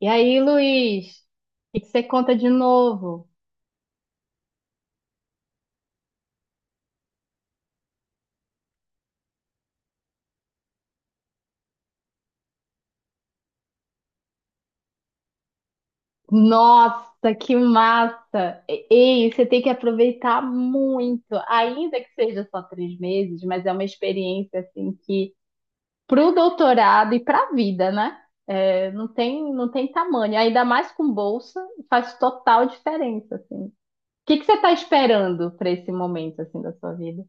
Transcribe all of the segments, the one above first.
E aí, Luiz, o que que você conta de novo? Nossa, que massa! Ei, você tem que aproveitar muito, ainda que seja só 3 meses, mas é uma experiência assim que para o doutorado e para a vida, né? É, não tem, não tem tamanho. Ainda mais com bolsa, faz total diferença, assim. O que que você está esperando para esse momento assim da sua vida?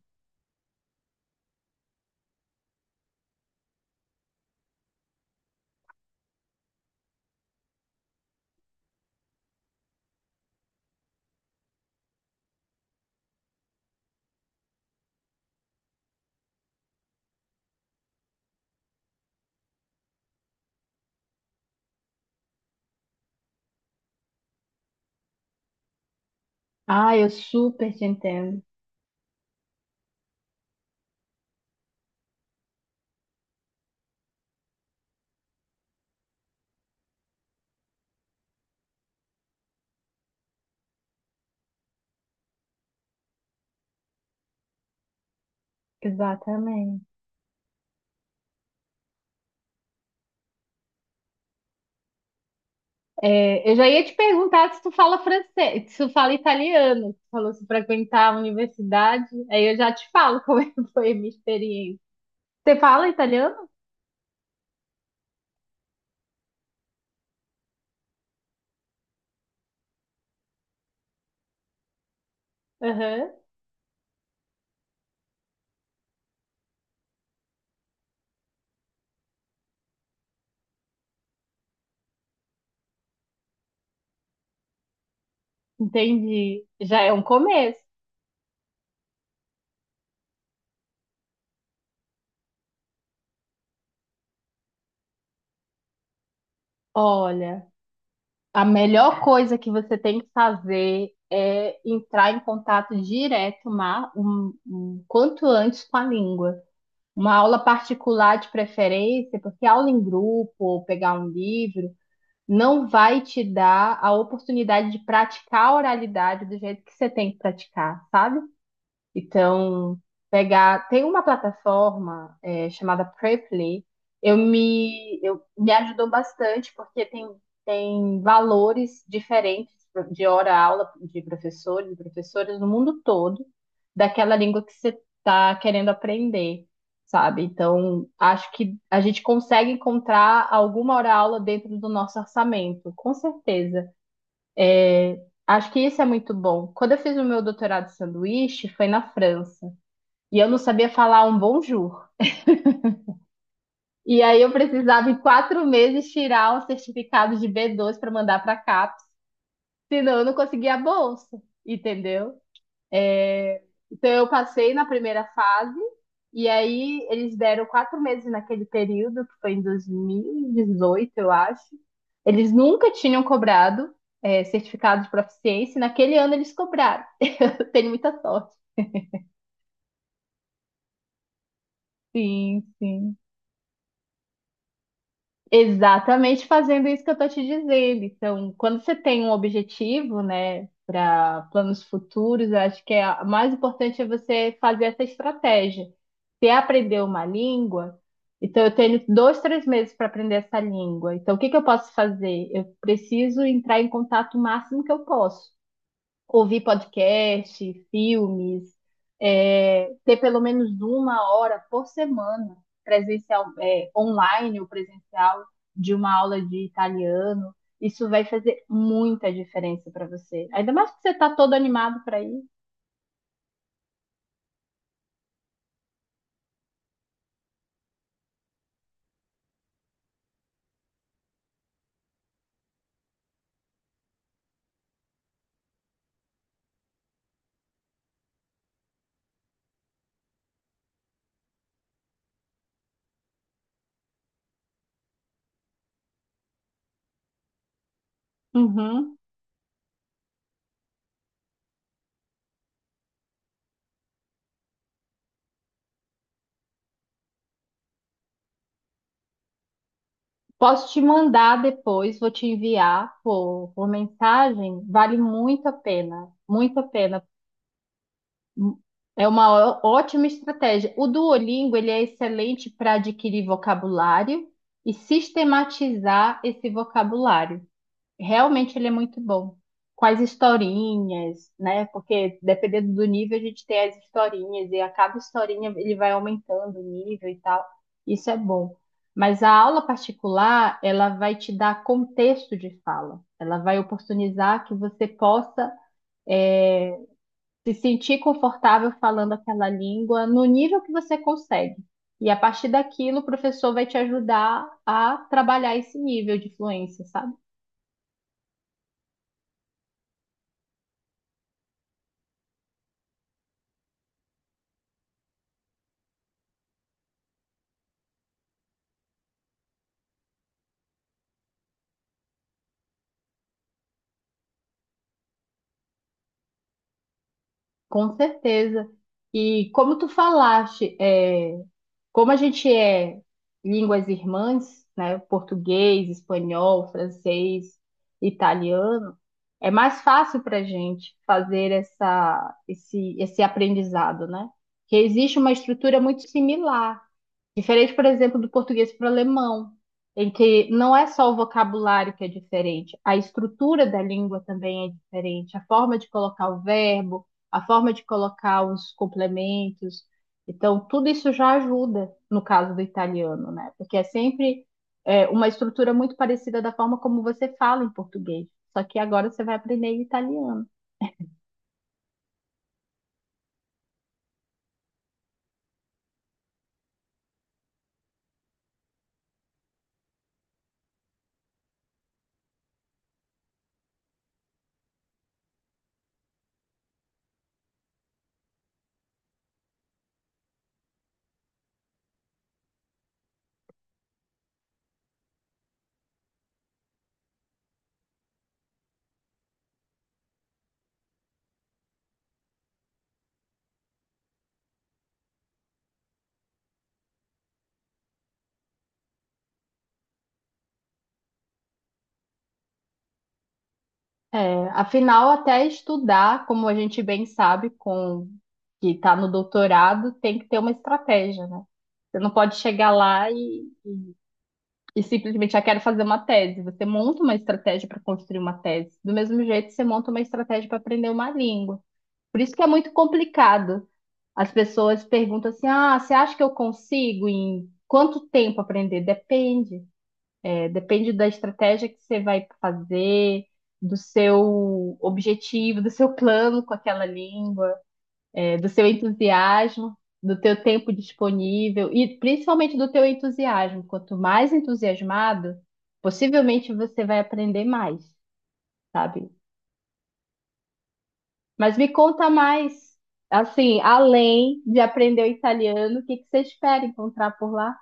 Ah, eu super te entendo. Exatamente. É, eu já ia te perguntar se tu fala francês, se tu fala italiano, tu falou se frequentar a universidade, aí eu já te falo como é que foi a minha experiência. Você fala italiano? Aham, entendi. Já é um começo. Olha, a melhor coisa que você tem que fazer é entrar em contato direto, quanto antes com a língua. Uma aula particular de preferência, porque aula em grupo, ou pegar um livro não vai te dar a oportunidade de praticar a oralidade do jeito que você tem que praticar, sabe? Então, pegar. Tem uma plataforma chamada Preply. Eu me ajudou bastante porque tem valores diferentes de hora-aula de professores e professoras no mundo todo daquela língua que você está querendo aprender, sabe? Então, acho que a gente consegue encontrar alguma hora-aula dentro do nosso orçamento, com certeza. Acho que isso é muito bom. Quando eu fiz o meu doutorado de sanduíche, foi na França e eu não sabia falar um bonjour. E aí eu precisava em 4 meses tirar um certificado de B2 para mandar para a CAPES, senão eu não conseguia a bolsa, entendeu? É, então eu passei na primeira fase e aí eles deram 4 meses naquele período, que foi em 2018, eu acho. Eles nunca tinham cobrado certificado de proficiência, e naquele ano eles cobraram. Eu tenho muita sorte. Sim, sim. Exatamente fazendo isso que eu estou te dizendo. Então, quando você tem um objetivo, né, para planos futuros, eu acho que é mais importante é você fazer essa estratégia. Você aprender uma língua, então eu tenho 2, 3 meses para aprender essa língua. Então, o que que eu posso fazer? Eu preciso entrar em contato o máximo que eu posso ouvir podcast, filmes, ter pelo menos uma hora por semana presencial, online ou presencial de uma aula de italiano. Isso vai fazer muita diferença para você. Ainda mais que você está todo animado para ir. Uhum. Posso te mandar depois, vou te enviar por mensagem. Vale muito a pena, muito a pena. É uma ótima estratégia. O Duolingo, ele é excelente para adquirir vocabulário e sistematizar esse vocabulário. Realmente ele é muito bom. Com as historinhas, né? Porque dependendo do nível, a gente tem as historinhas e a cada historinha ele vai aumentando o nível e tal. Isso é bom. Mas a aula particular, ela vai te dar contexto de fala. Ela vai oportunizar que você possa se sentir confortável falando aquela língua no nível que você consegue. E a partir daquilo, o professor vai te ajudar a trabalhar esse nível de fluência, sabe? Com certeza. E como tu falaste, como a gente é línguas irmãs, né? Português, espanhol, francês, italiano, é mais fácil para a gente fazer esse aprendizado, né? Que existe uma estrutura muito similar. Diferente, por exemplo, do português para o alemão, em que não é só o vocabulário que é diferente, a estrutura da língua também é diferente, a forma de colocar o verbo, a forma de colocar os complementos. Então, tudo isso já ajuda no caso do italiano, né? Porque é sempre uma estrutura muito parecida da forma como você fala em português, só que agora você vai aprender em italiano. É, afinal, até estudar, como a gente bem sabe, com que está no doutorado, tem que ter uma estratégia, né? Você não pode chegar lá e simplesmente, já quero fazer uma tese. Você monta uma estratégia para construir uma tese. Do mesmo jeito, você monta uma estratégia para aprender uma língua. Por isso que é muito complicado. As pessoas perguntam assim: ah, você acha que eu consigo em quanto tempo aprender? Depende. É, depende da estratégia que você vai fazer, do seu objetivo, do seu plano com aquela língua, do seu entusiasmo, do teu tempo disponível e principalmente do teu entusiasmo. Quanto mais entusiasmado, possivelmente você vai aprender mais, sabe? Mas me conta mais, assim, além de aprender o italiano, o que que você espera encontrar por lá?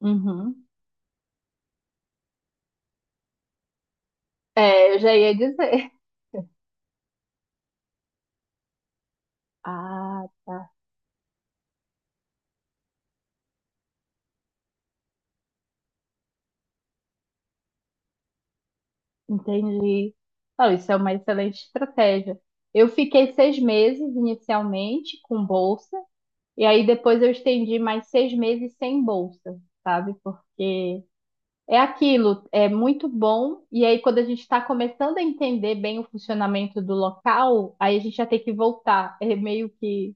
Uhum. É, eu já ia dizer. Ah, tá. Entendi. Ah, isso é uma excelente estratégia. Eu fiquei 6 meses inicialmente com bolsa, e aí depois eu estendi mais 6 meses sem bolsa, sabe? Porque é aquilo, é muito bom, e aí quando a gente está começando a entender bem o funcionamento do local, aí a gente já tem que voltar. É meio que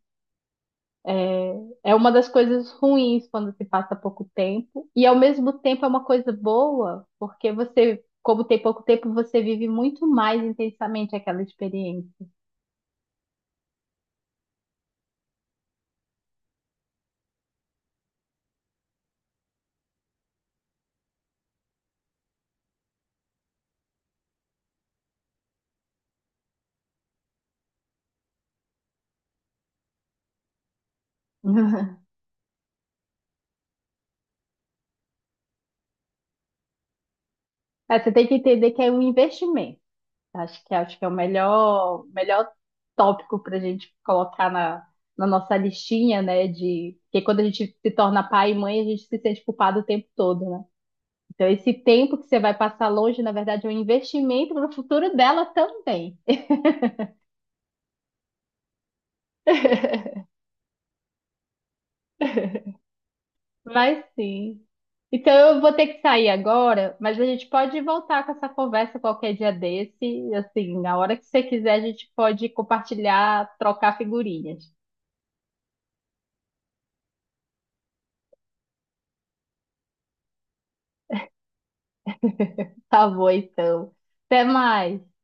é uma das coisas ruins quando se passa pouco tempo, e ao mesmo tempo é uma coisa boa, porque você, como tem pouco tempo, você vive muito mais intensamente aquela experiência. É, você tem que entender que é um investimento. Acho que é o melhor, melhor tópico para a gente colocar na nossa listinha, né? De que quando a gente se torna pai e mãe, a gente se sente culpado o tempo todo, né? Então, esse tempo que você vai passar longe, na verdade, é um investimento para o futuro dela também. Vai sim. Então eu vou ter que sair agora, mas a gente pode voltar com essa conversa qualquer dia desse. Assim, na hora que você quiser, a gente pode compartilhar, trocar figurinhas. Tá bom, então. Até mais.